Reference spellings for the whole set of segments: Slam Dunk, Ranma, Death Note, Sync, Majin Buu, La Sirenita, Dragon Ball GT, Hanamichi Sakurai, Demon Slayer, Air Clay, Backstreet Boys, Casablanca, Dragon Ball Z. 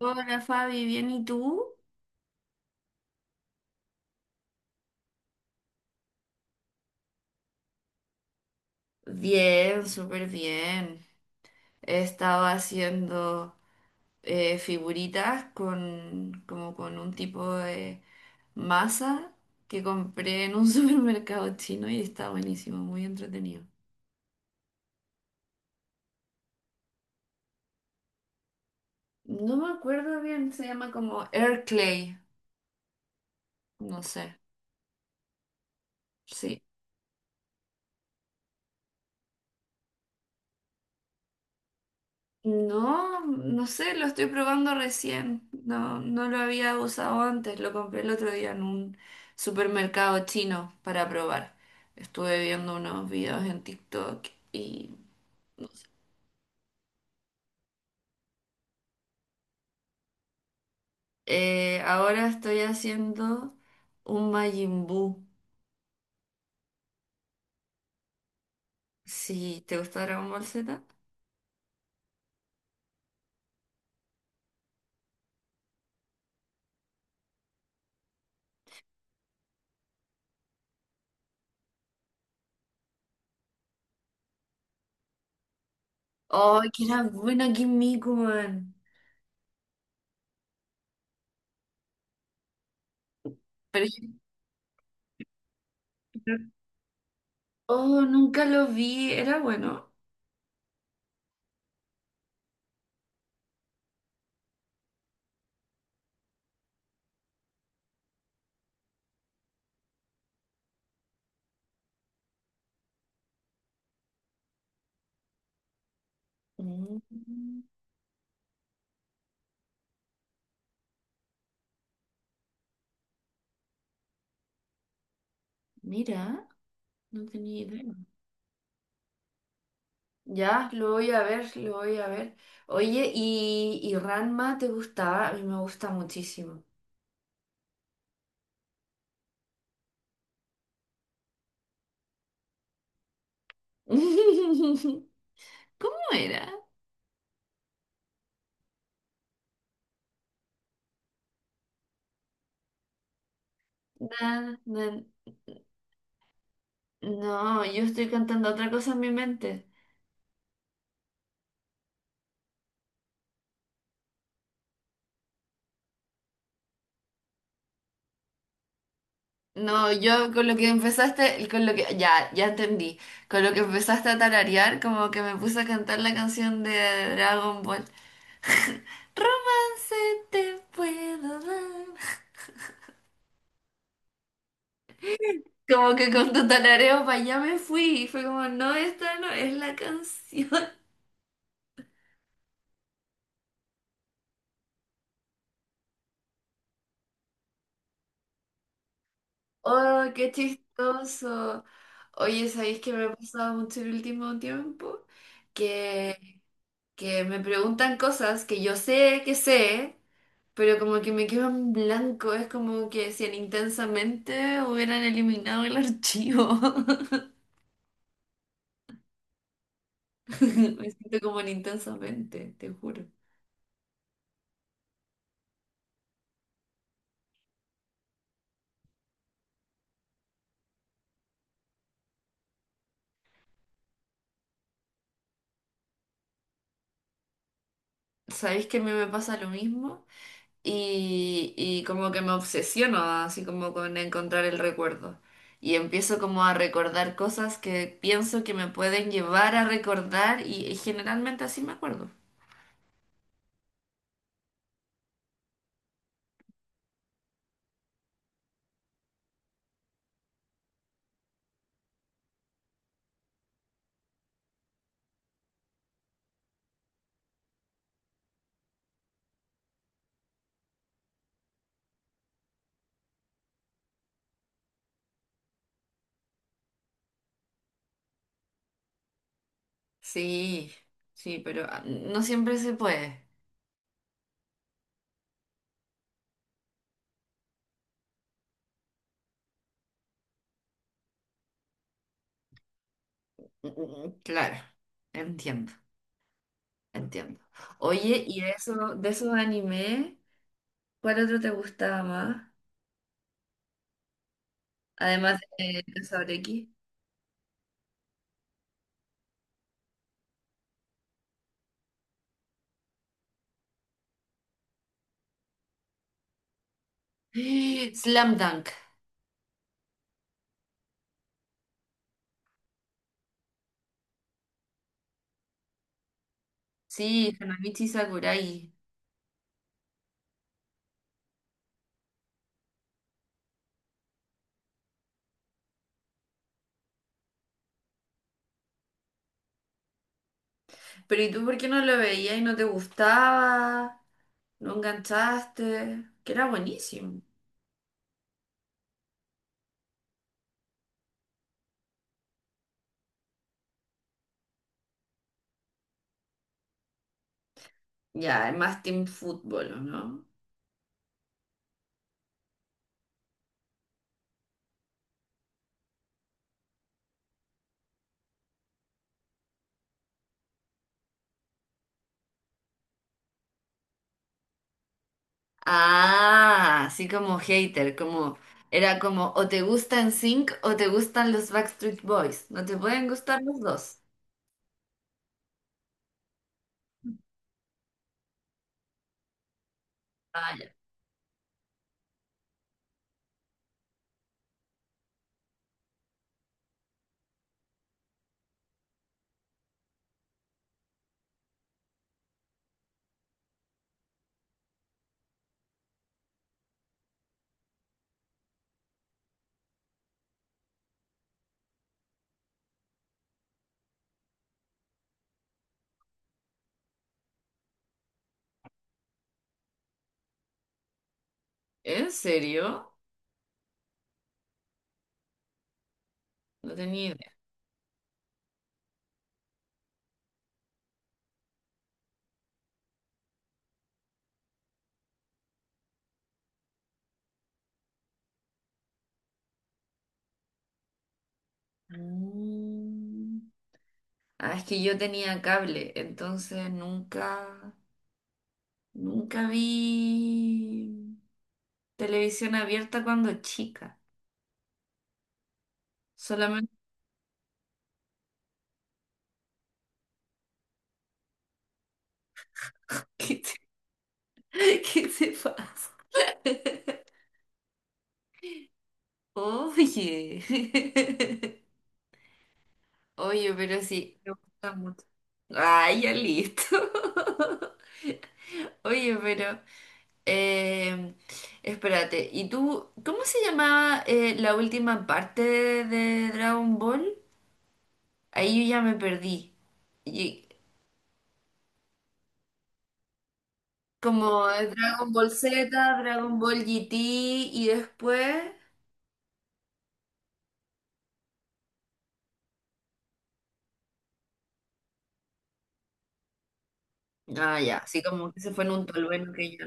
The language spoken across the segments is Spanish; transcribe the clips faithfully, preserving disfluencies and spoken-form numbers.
Hola Fabi, ¿bien y tú? Bien, súper bien. He estado haciendo eh, figuritas con, como con un tipo de masa que compré en un supermercado chino y está buenísimo, muy entretenido. No me acuerdo bien, se llama como Air Clay, no sé. Sí. No, no sé, lo estoy probando recién. No, no lo había usado antes, lo compré el otro día en un supermercado chino para probar. Estuve viendo unos videos en TikTok y eh, ahora estoy haciendo un Majin Buu. Si te gusta Dragon Ball Z. ¡Oh, que era bueno aquí en Miku, man! Pero yo- oh, nunca lo vi, era bueno. Mm, mira, no tenía idea. Ya, lo voy a ver, lo voy a ver. Oye, ¿y, y Ranma te gustaba? A mí me gusta muchísimo. ¿Cómo era? Na, na- no, yo estoy cantando otra cosa en mi mente. No, yo con lo que empezaste, con lo que, ya, ya entendí. Con lo que empezaste a tararear, como que me puse a cantar la canción de Dragon Ball. Romance te puedo dar. Como que con tu talareo para allá me fui. Y fue como, no, esta no es la canción. Oh, qué chistoso. Oye, ¿sabéis que me ha pasado mucho el último tiempo? Que, que me preguntan cosas que yo sé que sé, pero como que me quedo en blanco. Es como que si en intensamente hubieran eliminado el archivo. Me siento como en intensamente, te juro. ¿Sabéis que a mí me pasa lo mismo? y, y como que me obsesiono así como con encontrar el recuerdo. Y empiezo como a recordar cosas que pienso que me pueden llevar a recordar y, y generalmente así me acuerdo. Sí, sí, pero ah, no siempre se puede. Mm, mm, mm, claro, entiendo, entiendo. Oye, ¿y de eso, de esos animes, cuál otro te gustaba más? Además de Casablanca. Slam Dunk. Sí, Hanamichi Sakurai. Pero ¿y tú por qué no lo veías y no te gustaba? ¿No enganchaste? Que era buenísimo. Ya, es más team fútbol, ¿o ¿no? Ah, así como hater, como era como o te gustan Sync o te gustan los Backstreet Boys. No te pueden gustar los dos. Ah, ya. ¿En serio? No tenía idea. Mm. Ah, es que yo tenía cable, entonces nunca, nunca vi televisión abierta cuando chica. Solamente... ¿Qué te, qué te pasa? Oye. Oye, pero sí, me gusta mucho. Ay, ya listo. Oye, pero... eh, espérate, ¿y tú cómo se llamaba eh, la última parte de, de Dragon Ball? Ahí yo ya me perdí. Y, como eh, Dragon Ball Z, Dragon Ball G T y después... Ah, ya, así como que se fue en un tolveno que yo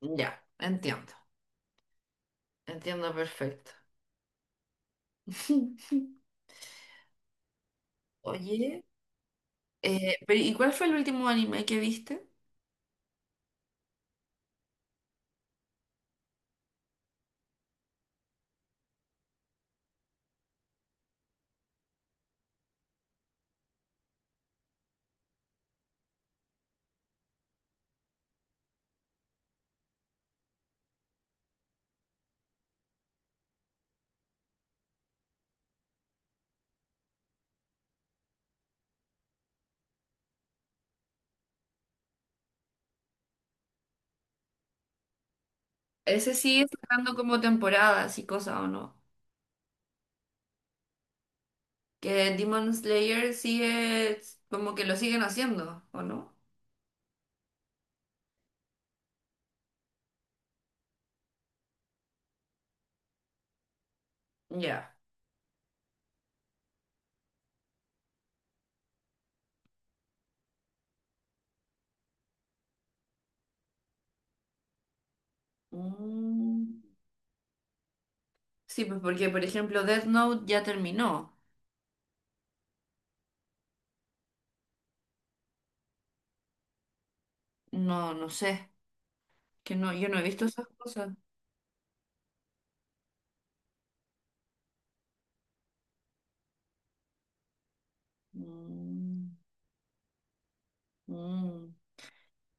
no. Ya, entiendo, entiendo perfecto. Oye, eh, pero ¿y cuál fue el último anime que viste? Ese sigue sacando como temporadas y cosas, ¿o no? Que Demon Slayer sigue, como que lo siguen haciendo, ¿o no? Ya. Mm. Sí, pues porque, por ejemplo, Death Note ya terminó. No, no sé, que no, yo no he visto esas cosas. Mm, mm.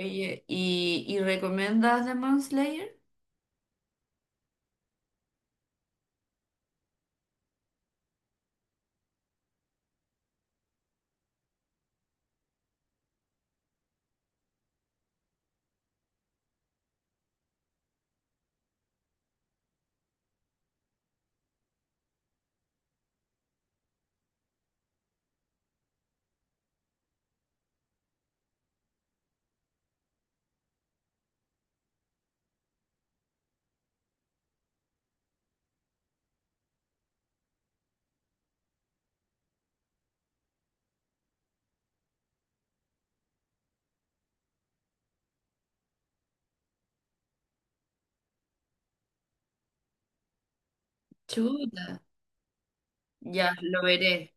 Oye, ¿y, y recomiendas Demon Slayer? Chuta. Ya, lo veré.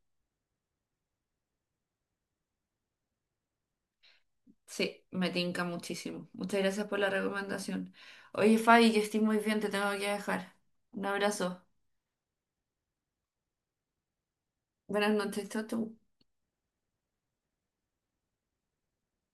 Sí, me tinca muchísimo. Muchas gracias por la recomendación. Oye, Fabi, que estoy muy bien, te tengo que dejar. Un abrazo. Buenas noches, chao, chao.